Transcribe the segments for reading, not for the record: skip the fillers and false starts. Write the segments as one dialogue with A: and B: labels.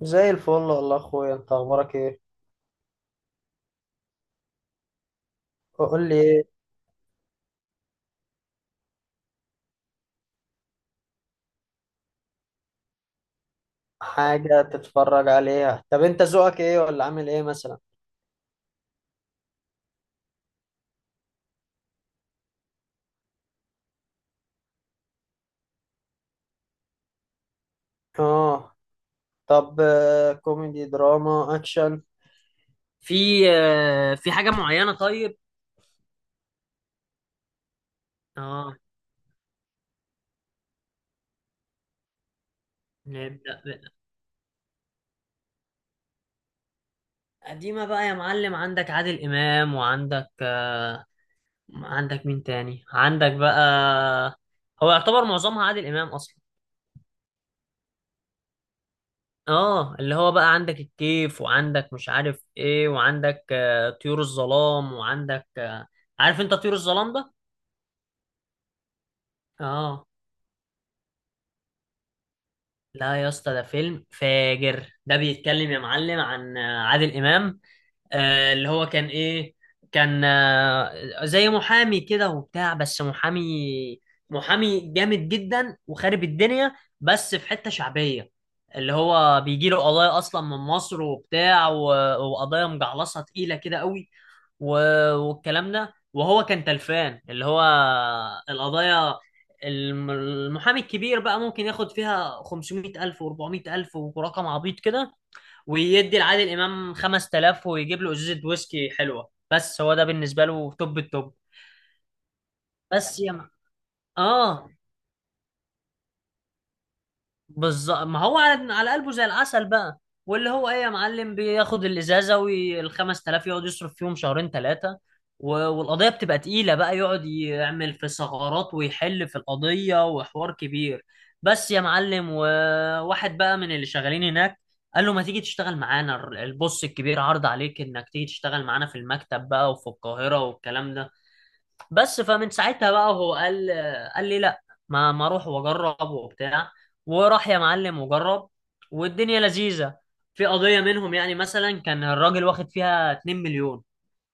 A: زي الفل والله اخويا، انت اخبارك ايه؟ قول لي ايه. حاجه تتفرج عليها؟ طب انت ذوقك ايه ولا عامل ايه مثلا؟ اه. طب كوميدي دراما اكشن. في في حاجة معينة طيب؟ اه. نبدأ ب- قديمة بقى يا معلم، عندك عادل إمام، وعندك عندك مين تاني؟ عندك بقى. هو يعتبر معظمها عادل إمام أصلا. اه، اللي هو بقى عندك الكيف، وعندك مش عارف ايه، وعندك طيور الظلام، وعندك عارف انت طيور الظلام ده؟ اه. لا يا اسطى، ده فيلم فاجر. ده بيتكلم يا معلم عن عادل امام. اللي هو كان ايه؟ كان زي محامي كده وبتاع، بس محامي جامد جدا وخارب الدنيا، بس في حتة شعبية. اللي هو بيجي له قضايا اصلا من مصر وبتاع وقضايا مجعلصة تقيلة كده قوي، والكلام ده. وهو كان تلفان اللي هو القضايا، المحامي الكبير بقى ممكن ياخد فيها 500 ألف و400 ألف، ورقم عبيط كده، ويدي لعادل إمام 5000 ويجيب له إزازة ويسكي حلوة، بس هو ده بالنسبة له توب التوب. بس يا م... آه، بالظبط، ما هو على قلبه زي العسل بقى. واللي هو ايه يا معلم، بياخد الازازه وال 5000 يقعد يصرف فيهم شهرين ثلاثه، والقضيه بتبقى تقيله بقى يقعد يعمل في ثغرات ويحل في القضيه وحوار كبير. بس يا معلم، وواحد بقى من اللي شغالين هناك قال له ما تيجي تشتغل معانا، البوس الكبير عرض عليك انك تيجي تشتغل معانا في المكتب بقى وفي القاهره والكلام ده. بس فمن ساعتها بقى هو قال لي لا، ما اروح واجرب وبتاع. وراح يا معلم وجرب، والدنيا لذيذة. في قضية منهم يعني مثلا كان الراجل واخد فيها 2 مليون،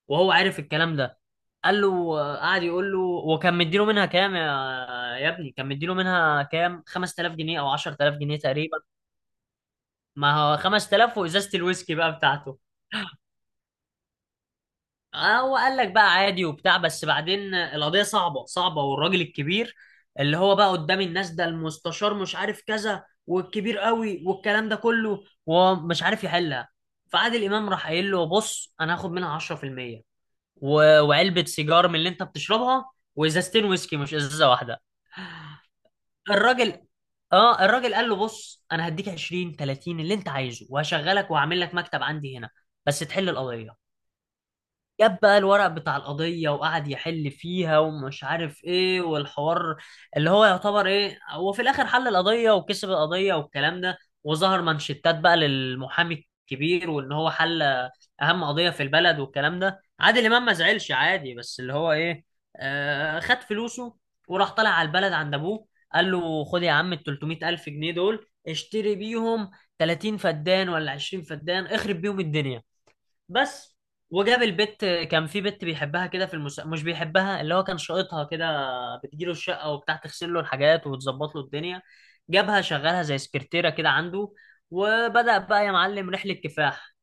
A: وهو عارف الكلام ده. قال له قعد يقول له، وكان مديله منها كام يا ابني؟ كان مديله منها كام؟ 5000 جنيه او 10000 جنيه تقريبا. ما هو 5000 وازازة الويسكي بقى بتاعته. اه، هو قال لك بقى عادي وبتاع، بس بعدين القضية صعبة صعبة، والراجل الكبير اللي هو بقى قدام الناس ده، المستشار مش عارف كذا والكبير قوي والكلام ده كله، وهو مش عارف يحلها. فعادل إمام راح قايل له: بص، أنا هاخد منها 10% وعلبة سيجار من اللي أنت بتشربها، وإزازتين ويسكي مش إزازة واحدة. الراجل، اه الراجل قال له: بص، انا هديك 20 30 اللي انت عايزه، وهشغلك وهعمل لك مكتب عندي هنا، بس تحل القضيه. جاب بقى الورق بتاع القضية وقعد يحل فيها ومش عارف ايه والحوار، اللي هو يعتبر ايه، هو في الاخر حل القضية وكسب القضية والكلام ده. وظهر مانشيتات بقى للمحامي الكبير وان هو حل اهم قضية في البلد والكلام ده. عادل امام ما زعلش عادي، بس اللي هو ايه، خد فلوسه وراح طالع على البلد عند ابوه، قال له: خد يا عم ال 300 الف جنيه دول اشتري بيهم 30 فدان ولا 20 فدان، اخرب بيهم الدنيا. بس، وجاب البت. كان في بت بيحبها كده في مش بيحبها، اللي هو كان شايطها كده، بتجيله الشقة وبتاع، تغسل له الحاجات وتظبط له الدنيا. جابها شغلها زي سكرتيرة كده عنده. وبدأ بقى يا معلم رحلة كفاح،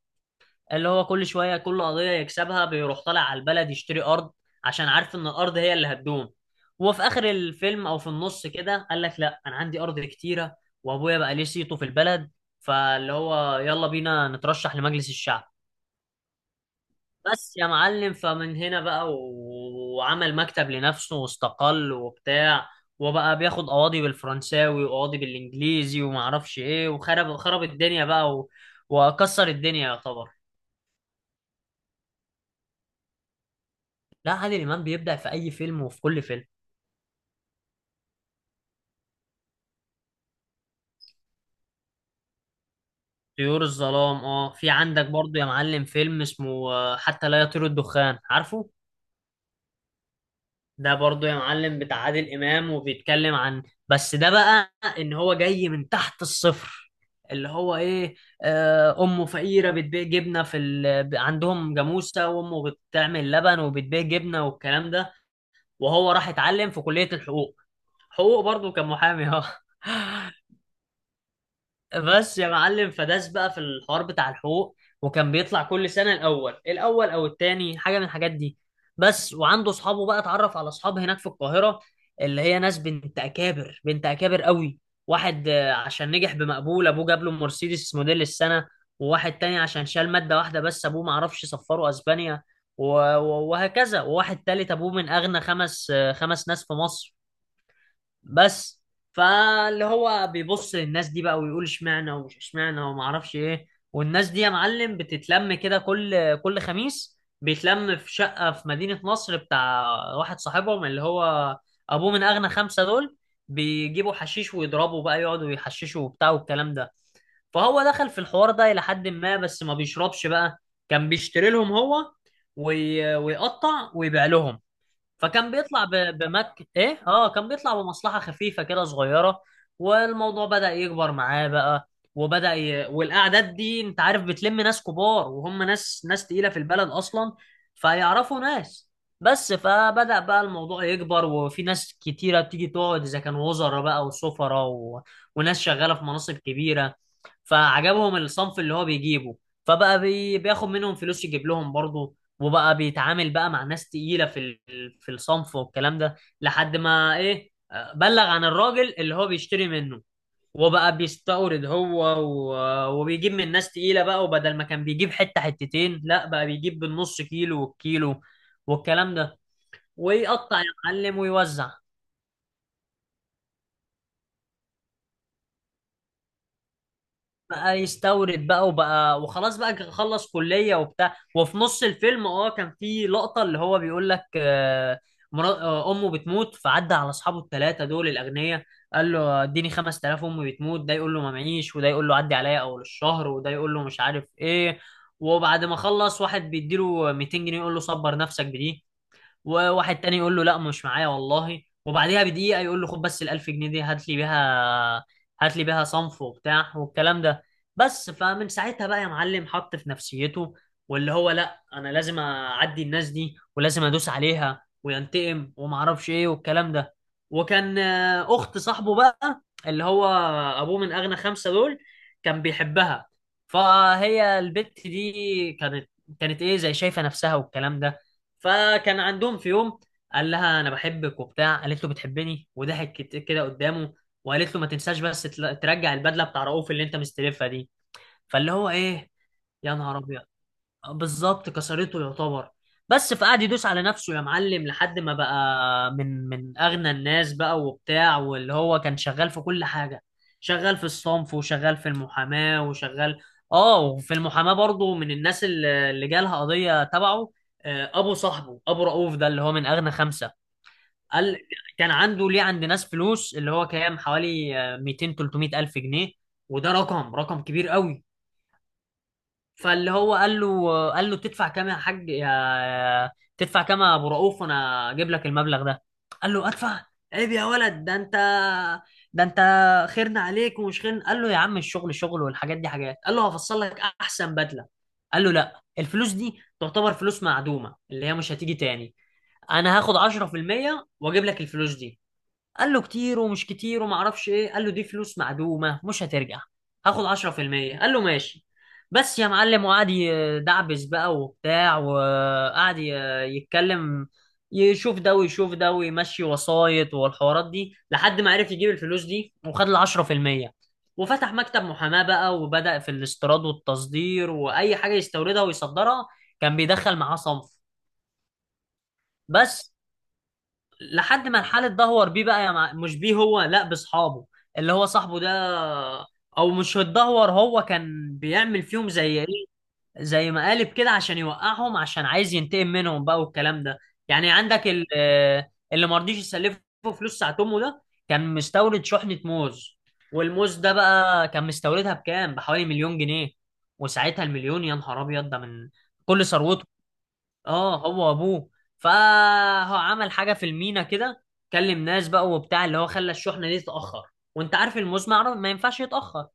A: اللي هو كل شوية كل قضية يكسبها بيروح طالع على البلد يشتري أرض، عشان عارف إن الأرض هي اللي هتدوم. وفي آخر الفيلم أو في النص كده قال لك: لأ، أنا عندي أرض كتيرة، وأبويا بقى ليه صيته في البلد، فاللي هو يلا بينا نترشح لمجلس الشعب. بس يا معلم، فمن هنا بقى وعمل مكتب لنفسه واستقل وبتاع، وبقى بياخد قواضي بالفرنساوي وقواضي بالانجليزي ومعرفش ايه، وخرب خرب الدنيا بقى وكسر الدنيا يعتبر. لا، عادل امام بيبدع في اي فيلم وفي كل فيلم. طيور الظلام اه. في عندك برضو يا معلم فيلم اسمه حتى لا يطير الدخان، عارفه؟ ده برضو يا معلم بتاع عادل امام، وبيتكلم عن، بس ده بقى، ان هو جاي من تحت الصفر. اللي هو ايه، امه فقيره بتبيع جبنه في عندهم جاموسه وامه بتعمل لبن وبتبيع جبنه والكلام ده. وهو راح اتعلم في كليه الحقوق، حقوق برضو، كان محامي اه. بس يا معلم، فداس بقى في الحوار بتاع الحقوق، وكان بيطلع كل سنة الأول الأول أو التاني، حاجة من الحاجات دي. بس وعنده أصحابه بقى، اتعرف على أصحاب هناك في القاهرة، اللي هي ناس بنت أكابر، بنت أكابر قوي. واحد عشان نجح بمقبول أبوه جاب له مرسيدس موديل السنة. وواحد تاني عشان شال مادة واحدة بس أبوه معرفش سفره أسبانيا، وهكذا. وواحد تالت أبوه من أغنى خمس خمس ناس في مصر، بس. فاللي هو بيبص للناس دي بقى ويقول اشمعنى ومش اشمعنى وما اعرفش ايه. والناس دي يا معلم بتتلم كده كل خميس بيتلم في شقة في مدينة نصر بتاع واحد صاحبهم، اللي هو ابوه من اغنى خمسة دول. بيجيبوا حشيش ويضربوا بقى، يقعدوا يحششوا وبتاع والكلام ده. فهو دخل في الحوار ده إلى حد ما، بس ما بيشربش بقى، كان بيشتري لهم هو، ويقطع ويبيع لهم. فكان بيطلع ب- بمك ايه اه، كان بيطلع بمصلحة خفيفة كده صغيرة. والموضوع بدأ يكبر معاه بقى، والأعداد دي انت عارف بتلم ناس كبار، وهم ناس تقيلة في البلد أصلا، فيعرفوا ناس. بس فبدأ بقى الموضوع يكبر، وفي ناس كتيرة بتيجي تقعد، إذا كان وزراء بقى وسفراء وناس شغالة في مناصب كبيرة. فعجبهم الصنف اللي هو بيجيبه، فبقى بياخد منهم فلوس يجيب لهم برضه. وبقى بيتعامل بقى مع ناس تقيلة في الصنف والكلام ده. لحد ما ايه، بلغ عن الراجل اللي هو بيشتري منه. وبقى بيستورد هو وبيجيب من ناس تقيلة بقى، وبدل ما كان بيجيب حتة حتتين لا بقى بيجيب بالنص كيلو والكيلو والكلام ده، ويقطع يا معلم ويوزع. بقى يستورد بقى، وبقى وخلاص بقى، خلص كلية وبتاع. وفي نص الفيلم اه، كان في لقطة اللي هو بيقول لك امه بتموت، فعدى على اصحابه الثلاثة دول الاغنياء، قال له: اديني 5000 امي بتموت. ده يقول له ما معيش، وده يقول له عدي عليا اول الشهر، وده يقول له مش عارف ايه. وبعد ما خلص، واحد بيديله 200 جنيه يقول له صبر نفسك بدي، وواحد تاني يقول له لا مش معايا والله، وبعديها بدقيقة يقول له: خد بس الألف جنيه دي هات لي بيها، هات لي بيها صنف وبتاع والكلام ده. بس فمن ساعتها بقى يا معلم حط في نفسيته، واللي هو لا، أنا لازم أعدي الناس دي ولازم أدوس عليها وينتقم ومعرفش إيه والكلام ده. وكان أخت صاحبه بقى، اللي هو أبوه من أغنى خمسة دول، كان بيحبها. فهي البت دي كانت ايه، زي شايفه نفسها والكلام ده. فكان عندهم في يوم قال لها: انا بحبك وبتاع. قالت له: بتحبني؟ وضحك كده قدامه، وقالت له: ما تنساش بس ترجع البدله بتاع رؤوف اللي انت مستلفها دي. فاللي هو ايه، يا نهار ابيض، بالظبط كسرته يعتبر. بس فقعد يدوس على نفسه يا معلم، لحد ما بقى من اغنى الناس بقى وبتاع، واللي هو كان شغال في كل حاجه، شغال في الصنف وشغال في المحاماه وشغال. اه، وفي المحاماه برضه، من الناس اللي جالها قضيه تبعه، ابو صاحبه ابو رؤوف ده، اللي هو من اغنى خمسه. قال، كان عنده ليه عند ناس فلوس، اللي هو كام، حوالي 200 300 الف جنيه، وده رقم كبير قوي. فاللي هو قال له: تدفع كام يا حاج يا تدفع كام يا ابو رؤوف، وانا اجيب لك المبلغ ده؟ قال له: ادفع؟ عيب يا ولد، ده انت خيرنا عليك ومش خيرنا. قال له: يا عم الشغل شغل والحاجات دي حاجات. قال له: هفصل لك احسن بدله. قال له: لا، الفلوس دي تعتبر فلوس معدومه، اللي هي مش هتيجي تاني. انا هاخد 10% واجيب لك الفلوس دي. قال له: كتير، ومش كتير وما اعرفش ايه. قال له: دي فلوس معدومه مش هترجع، هاخد 10%. قال له: ماشي. بس يا معلم، وقعد يدعبس بقى وبتاع، وقعد يتكلم، يشوف ده ويشوف ده ويمشي وسايط والحوارات دي، لحد ما عرف يجيب الفلوس دي وخد ال 10%. وفتح مكتب محاماة بقى، وبدأ في الاستيراد والتصدير، وأي حاجة يستوردها ويصدرها كان بيدخل معاه صنف. بس لحد ما الحال اتدهور بيه بقى يا مش بيه هو، لا، باصحابه اللي هو صاحبه ده. او مش اتدهور، هو كان بيعمل فيهم زي ايه، زي مقالب كده عشان يوقعهم، عشان عايز ينتقم منهم بقى والكلام ده. يعني عندك اللي ما رضيش يسلفه فلوس ساعة امه ده، كان مستورد شحنة موز. والموز ده بقى كان مستوردها بكام، بحوالي مليون جنيه. وساعتها المليون يا نهار ابيض، ده من كل ثروته، اه هو ابوه. فهو عمل حاجه في المينا كده، كلم ناس بقى وبتاع، اللي هو خلى الشحنه دي تتاخر، وانت عارف المزمع ما ينفعش يتاخر.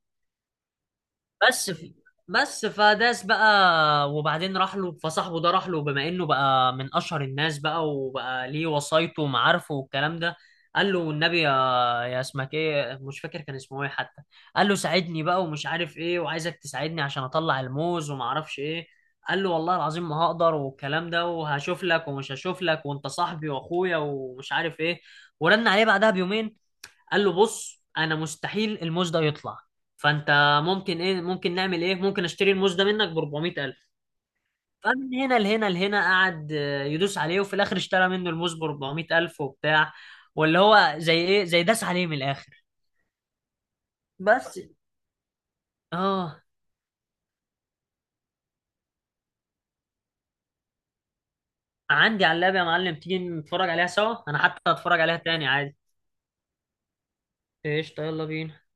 A: بس في بس فداس بقى، وبعدين راح له، فصاحبه ده راح له، بما انه بقى من اشهر الناس بقى، وبقى ليه وصايته ومعارفه والكلام ده. قال له: والنبي يا اسمك ايه مش فاكر كان اسمه ايه حتى، قال له: ساعدني بقى ومش عارف ايه، وعايزك تساعدني عشان اطلع الموز وما اعرفش ايه. قال له: والله العظيم ما هقدر والكلام ده، وهشوف لك ومش هشوف لك، وانت صاحبي واخويا ومش عارف ايه. ورن عليه بعدها بيومين، قال له: بص، انا مستحيل الموز ده يطلع، فانت ممكن ايه، ممكن نعمل ايه، ممكن اشتري الموز ده منك ب 400000؟ فمن هنا لهنا لهنا، قعد يدوس عليه، وفي الاخر اشترى منه الموز ب 400000 وبتاع، واللي هو زي ايه، زي داس عليه من الاخر. بس، اه. عندي على اللاب يا معلم، تيجي نتفرج عليها سوا، انا حتى هتفرج عليها تاني عادي. قشطة، يلا بينا.